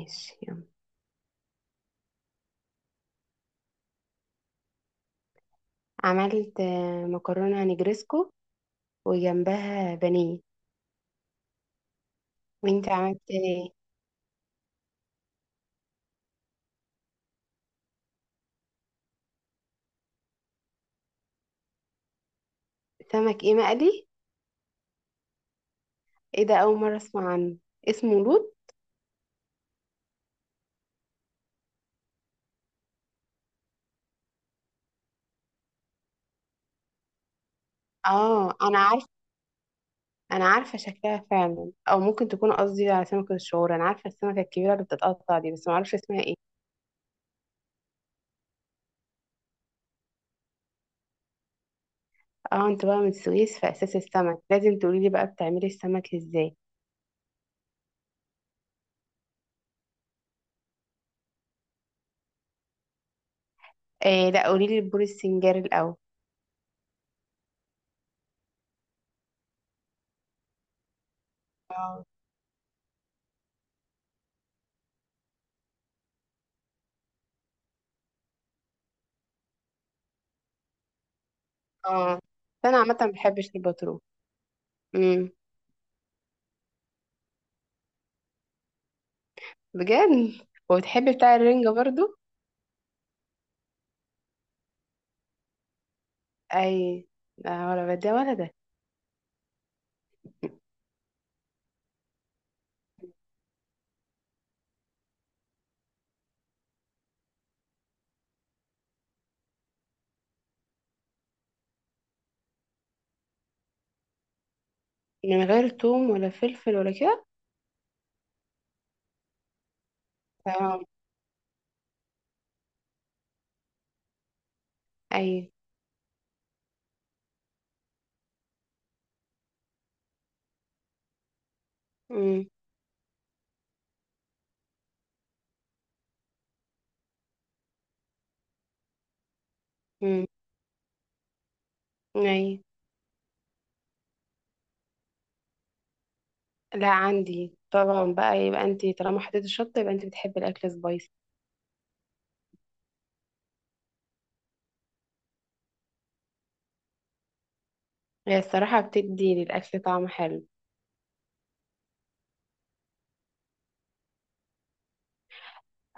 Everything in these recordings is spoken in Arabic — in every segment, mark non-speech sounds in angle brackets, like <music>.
ماشي يلا. عملت مكرونة نجرسكو وجنبها بانيه. وانت عملت ايه؟ سمك ايه مقلي؟ ايه ده؟ اول مرة اسمع عنه. اسمه لوت؟ اه، انا عارفه. انا عارفة شكلها فعلا، او ممكن تكون قصدي على سمكة الشعور. انا عارفة السمكة الكبيرة اللي بتتقطع دي، بس ما اعرفش اسمها ايه. اه، انت بقى من السويس في اساس السمك، لازم تقولي لي بقى بتعملي السمك ازاي. إيه، لا قولي لي البور السنجاري الاول. اه، اه، بس انا عامة ما بحبش البطرون. امم. بجد؟ وبتحبي بتاع الرنجة برضو؟ اي. لا، ولا ده ولا ده. من غير توم ولا فلفل ولا كده؟ اه. اي. امم. امم. اي. لا، عندي طبعا. بقى يبقى انت طالما حطيتي الشطه يبقى انت بتحبي الاكل سبايسي. هي الصراحه بتدي للاكل طعم حلو.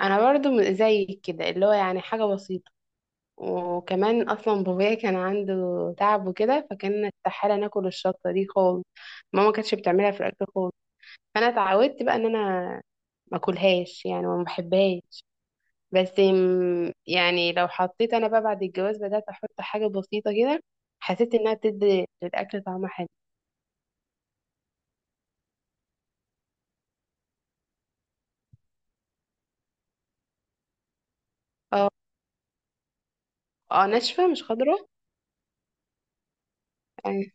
انا برضو زيك كده، اللي هو يعني حاجه بسيطه. وكمان اصلا بابايا كان عنده تعب وكده، فكان استحاله ناكل الشطه دي خالص. ماما كانتش بتعملها في الاكل خالص. فانا اتعودت بقى ان انا ما اكلهاش يعني، وما بحبهاش. بس يعني لو حطيت انا بقى بعد الجواز، بدات احط حاجه بسيطه كده. حسيت انها بتدي للاكل طعم حلو. اه. اه، ناشفه مش خضره. ايوه.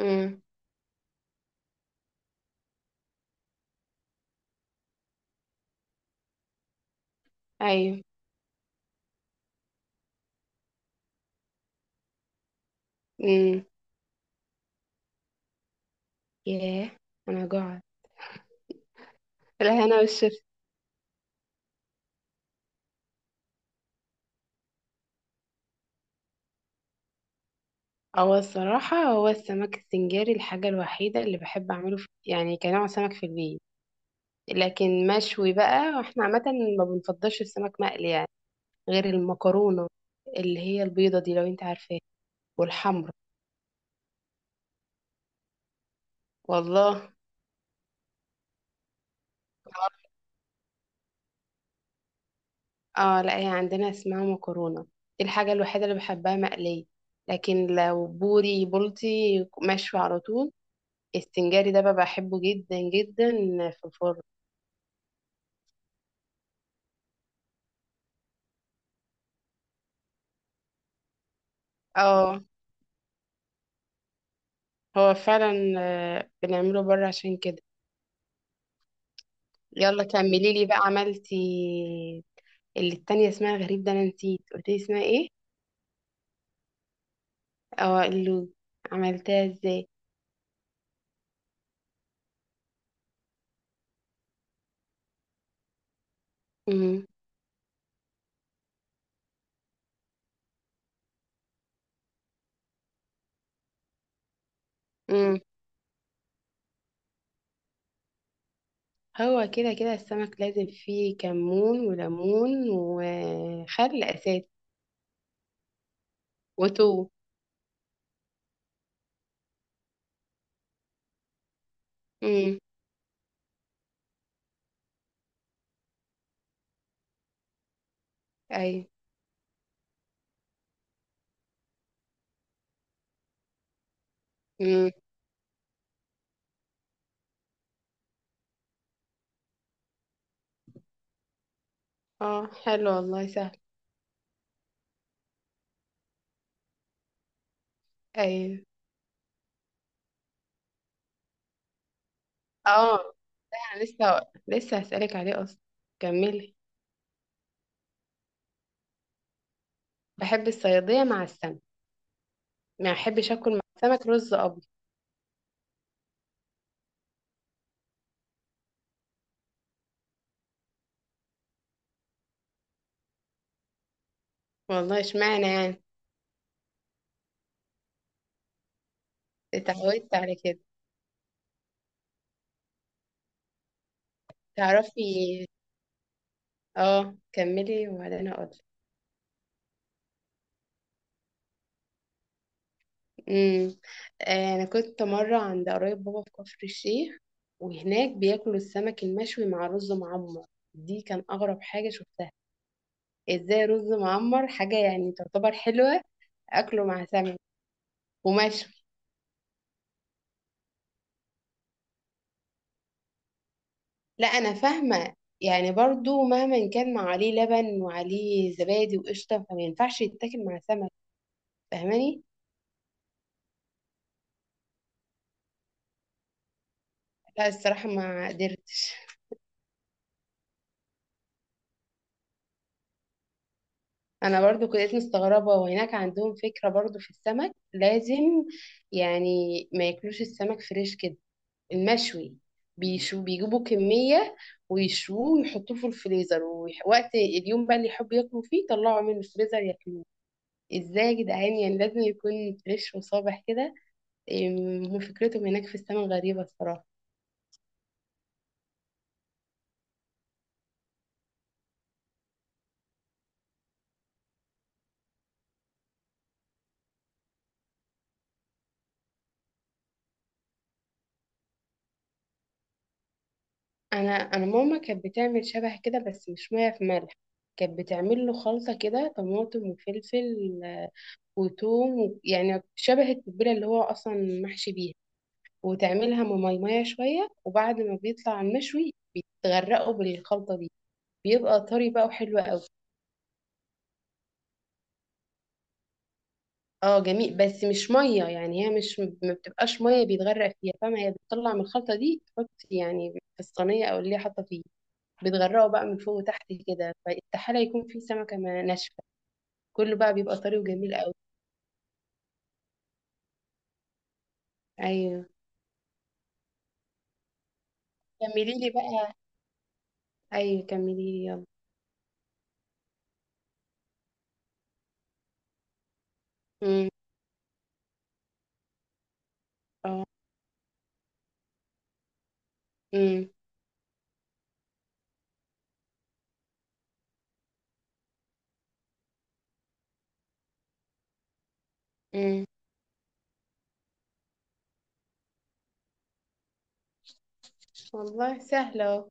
امم. ايوه. امم. ياه، انا جوعت. لا، انا مش شفت. هو الصراحه هو السمك السنجاري الحاجه الوحيده اللي بحب اعمله، في يعني كنوع سمك في البيت. لكن مشوي بقى، واحنا عامه ما بنفضلش السمك مقلي يعني، غير المكرونة اللي هي البيضة دي، لو انت عارفاها. والحمرا. والله. اه، لا هي عندنا اسمها مكرونة. دي الحاجة الوحيدة اللي بحبها مقلية. لكن لو بوري بولتي، مشوي على طول. السنجاري ده بقى بحبه جدا جدا، في الفرن. اه، هو فعلا. بنعمله بره عشان كده. يلا كملي لي بقى عملتي اللي التانية اسمها غريب ده، انا نسيت قلت لي اسمها ايه. اه، اللي عملتها ازاي؟ امم. هو كده كده السمك لازم فيه كمون وليمون وخل اساسي. وتو امم. ايوه. امم. اه، حلو والله سهل. ايوه. اه، ده أنا لسه هسألك عليه اصلا. كملي. بحب الصيادية مع السمك. ما احبش اكل مع السمك رز ابيض. والله اشمعنى يعني. اتعودت على كده. تعرفي؟ اه كملي وبعدين اقول. امم. انا كنت مره عند قرايب بابا في كفر الشيخ. وهناك بياكلوا السمك المشوي مع رز معمر. دي كان اغرب حاجه شفتها. ازاي رز معمر حاجه يعني تعتبر حلوه اكله مع سمك، ومشوي. لا، انا فاهمه. يعني برضو مهما كان مع عليه لبن وعليه زبادي وقشطه، فما ينفعش يتاكل مع سمك. فاهماني؟ لا الصراحه ما قدرتش. انا برضو كنت مستغربه، وهناك عندهم فكره برضو في السمك. لازم يعني ما ياكلوش السمك فريش كده، المشوي. بيجيبوا كميه ويشوه ويحطوه في الفريزر، ووقت اليوم بقى اللي يحبوا ياكلوا فيه طلعوا من الفريزر ياكلوه. ازاي يا جدعان، يعني لازم يكون فريش وصابح كده. هم فكرتهم هناك في السمك غريبه الصراحه. انا ماما كانت بتعمل شبه كده، بس مش ميه في ملح. كانت بتعمل له خلطه كده، طماطم وفلفل وتوم يعني شبه التتبيلة اللي هو أصلا محشي بيها. وتعملها مميمية شوية، وبعد ما بيطلع المشوي بيتغرقوا بالخلطة دي. بيبقى طري بقى وحلو قوي. اه جميل، بس مش مية يعني. هي مش ما بتبقاش مية بيتغرق فيها، فاهمة. هي بتطلع من الخلطة دي، تحط يعني في الصينية أو اللي هي حاطة فيه، بتغرقه بقى من فوق وتحت كده، فاستحالة يكون فيه سمكة ناشفة. كله بقى بيبقى طري وجميل قوي. أيوه كملي لي بقى. أيوه كملي لي يلا. امم. اه. امم. امم. والله سهلة اهو.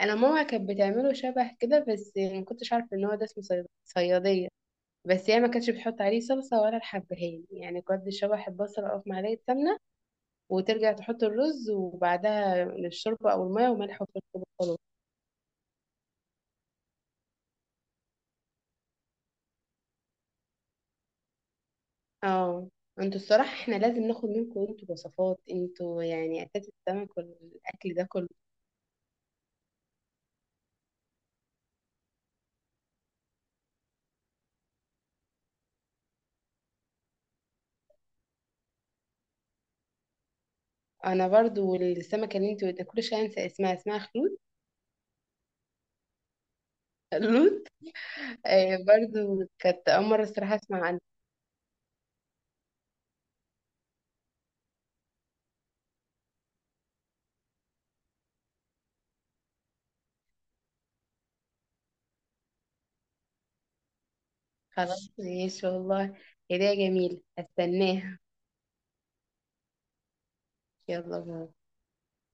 انا ماما كانت بتعمله شبه كده، بس ما كنتش عارفه ان هو ده اسمه صياديه. بس هي ما كانتش بتحط عليه صلصه ولا الحبهان، يعني كنت شبح البصل او في معلقه سمنه، وترجع تحط الرز وبعدها الشوربه او الميه وملح وفلفل وخلاص. اه، انتوا الصراحه احنا لازم ناخد منكم انتوا وصفات، انتوا يعني اساس السمك والاكل ده كله. انا برضو السمكه اللي انتوا كل شويه انسى اسمها خلود. <laughs> خلود. آه، برضو كانت اول مره الصراحه اسمع. خلاص ماشي والله. هدية جميلة هستناها. يلا باي.